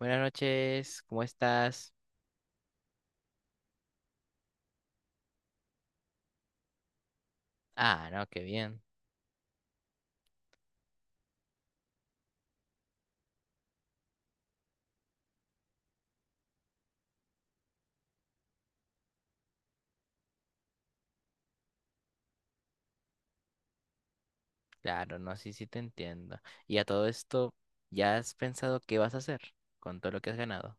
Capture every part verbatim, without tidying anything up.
Buenas noches, ¿cómo estás? Ah, no, qué bien. Claro, no, sí, sí te entiendo. Y a todo esto, ¿ya has pensado qué vas a hacer con todo lo que has ganado?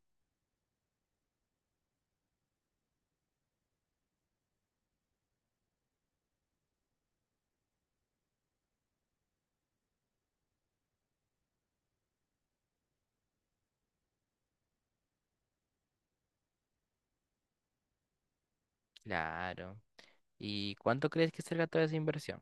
Claro. ¿Y cuánto crees que será toda esa inversión?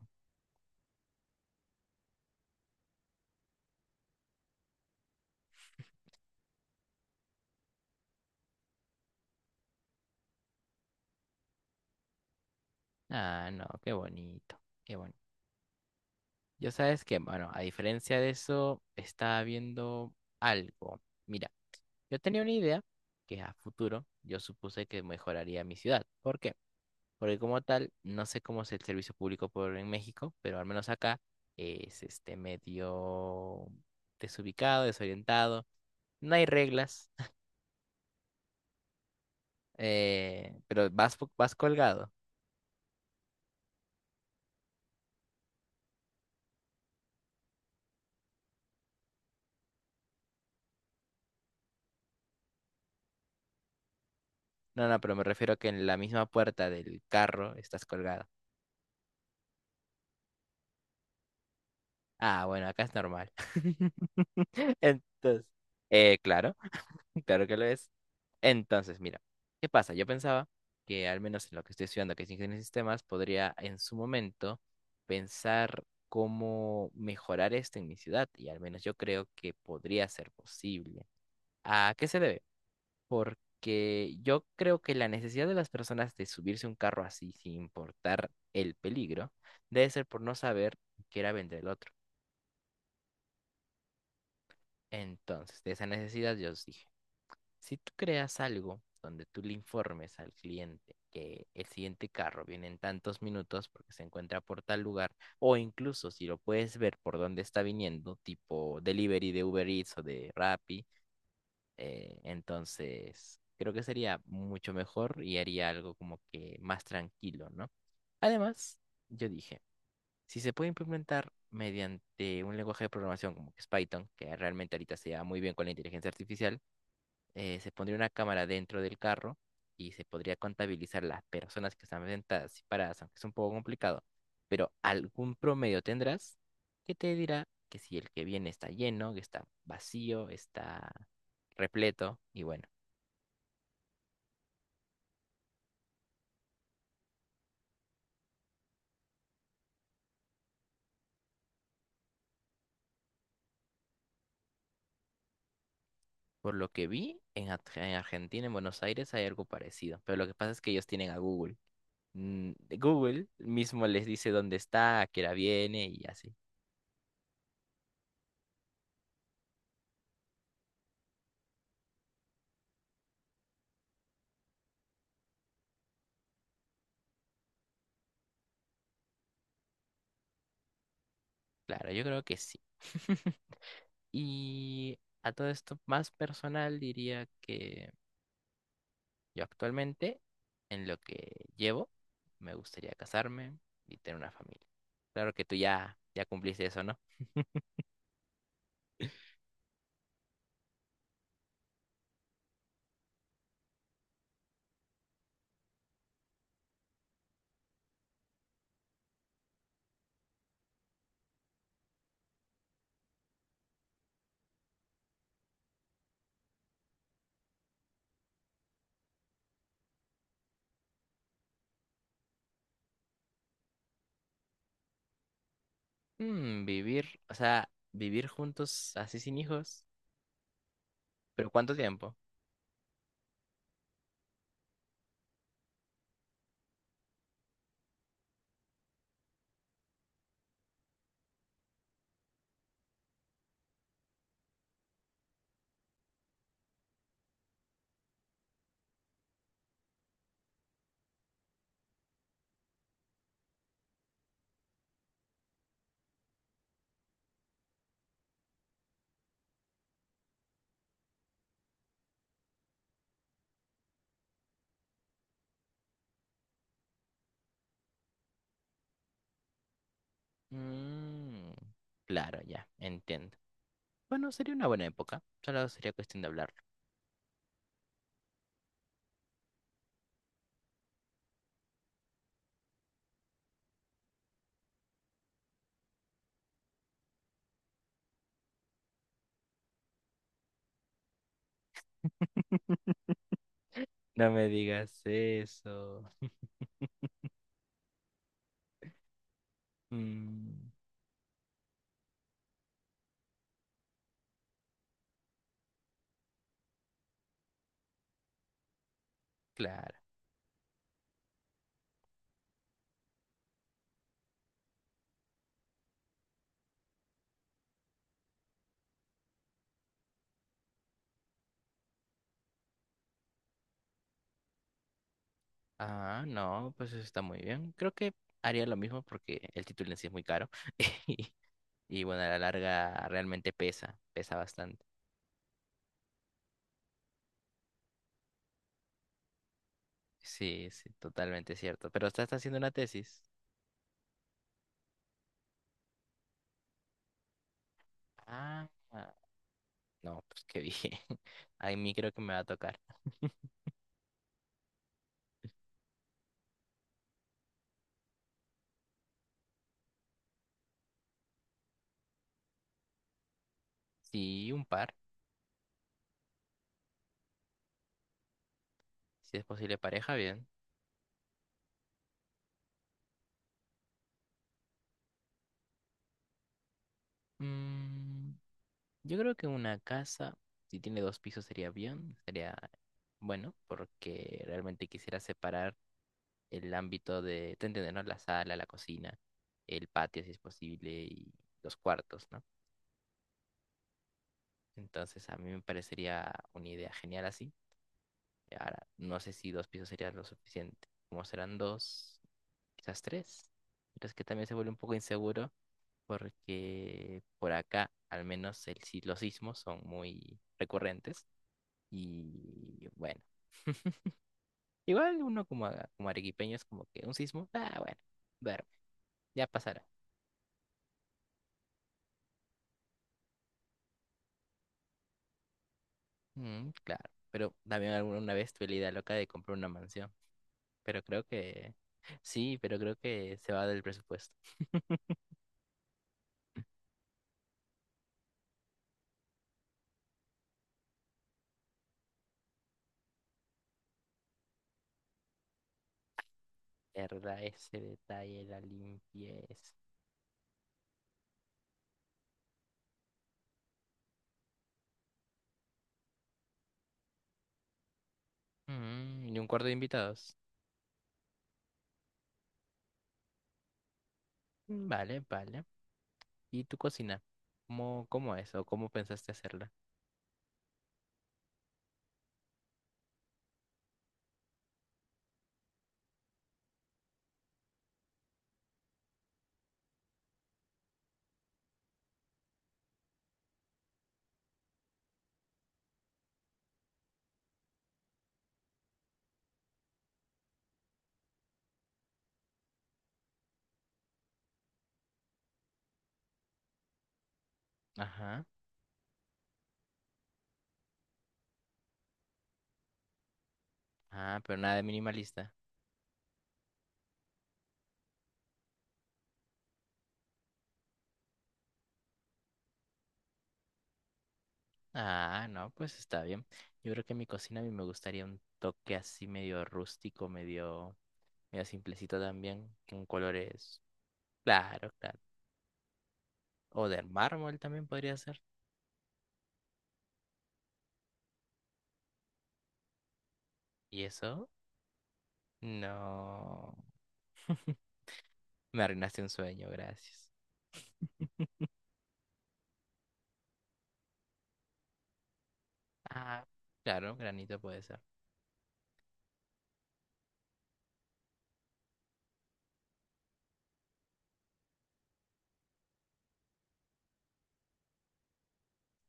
Ah, no, qué bonito, qué bonito. Yo sabes que, bueno, a diferencia de eso, estaba viendo algo. Mira, yo tenía una idea que a futuro yo supuse que mejoraría mi ciudad. ¿Por qué? Porque como tal, no sé cómo es el servicio público por en México, pero al menos acá es este medio desubicado, desorientado. No hay reglas, eh, pero vas, po- vas colgado. No, no, pero me refiero a que en la misma puerta del carro estás colgado. Ah, bueno, acá es normal. Entonces, eh, claro. Claro que lo es. Entonces, mira, ¿qué pasa? Yo pensaba que al menos en lo que estoy estudiando, que es ingeniería en sistemas, podría en su momento pensar cómo mejorar esto en mi ciudad y al menos yo creo que podría ser posible. ¿A qué se debe? Porque yo creo que la necesidad de las personas de subirse a un carro así sin importar el peligro debe ser por no saber qué era vender el otro. Entonces, de esa necesidad yo os dije. Si tú creas algo donde tú le informes al cliente que el siguiente carro viene en tantos minutos porque se encuentra por tal lugar, o incluso si lo puedes ver por dónde está viniendo, tipo delivery de Uber Eats o de Rappi, eh, entonces creo que sería mucho mejor y haría algo como que más tranquilo, ¿no? Además, yo dije, si se puede implementar mediante un lenguaje de programación como que es Python, que realmente ahorita se lleva muy bien con la inteligencia artificial, eh, se pondría una cámara dentro del carro y se podría contabilizar las personas que están sentadas y paradas, aunque es un poco complicado, pero algún promedio tendrás que te dirá que si el que viene está lleno, que está vacío, está repleto, y bueno, por lo que vi, en, Ar- en Argentina, en Buenos Aires, hay algo parecido, pero lo que pasa es que ellos tienen a Google. Mm, Google mismo les dice dónde está, a qué hora viene y así. Claro, yo creo que sí. Y a todo esto más personal diría que yo actualmente, en lo que llevo, me gustaría casarme y tener una familia. Claro que tú ya, ya cumpliste eso, ¿no? Mm, vivir, o sea, vivir juntos así sin hijos, pero ¿cuánto tiempo? Mm, claro, ya, entiendo. Bueno, sería una buena época, solo sería cuestión de hablarlo. No me digas eso. Mm, claro. Ah, no, pues eso está muy bien. Creo que haría lo mismo porque el título en sí es muy caro. Y, y bueno, a la larga realmente pesa, pesa bastante. Sí, sí, totalmente cierto. Pero usted está haciendo una tesis. Ah, ah, no, pues qué bien. A mí creo que me va a tocar. Sí, un par. Si es posible pareja, bien. Mm, yo creo que una casa, si tiene dos pisos, sería bien. Sería bueno, porque realmente quisiera separar el ámbito de, te entiendes, ¿no? La sala, la cocina, el patio si es posible y los cuartos, ¿no? Entonces a mí me parecería una idea genial así. Ahora, no sé si dos pisos sería lo suficiente. Como serán dos, quizás tres. Pero es que también se vuelve un poco inseguro porque por acá al menos el, si- los sismos son muy recurrentes y bueno. Igual uno como, a- como arequipeño es como que un sismo, ah, bueno, ver, ya pasará. Mm, claro, pero también alguna vez tuve la idea loca de comprar una mansión, pero creo que sí, pero creo que se va del presupuesto. ¿Verdad? Ese detalle, la limpieza. Mm, y un cuarto de invitados. Mm, vale, vale. ¿Y tu cocina? ¿Cómo, ¿cómo es o cómo pensaste hacerla? Ajá. Ah, pero nada de minimalista. Ah, no, pues está bien. Yo creo que en mi cocina a mí me gustaría un toque así medio rústico, medio, medio simplecito también, con colores. Claro, claro. O de mármol también podría ser. ¿Y eso? No. Me arruinaste un sueño, gracias. Ah, claro, granito puede ser.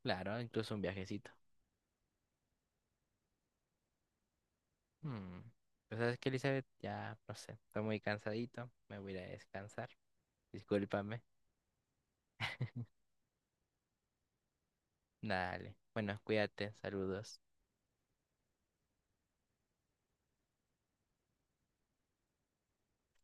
Claro, incluso un viajecito. Hmm. Pues sabes que Elizabeth, ya no sé, estoy muy cansadito, me voy a ir a descansar. Discúlpame. Dale. Bueno, cuídate, saludos.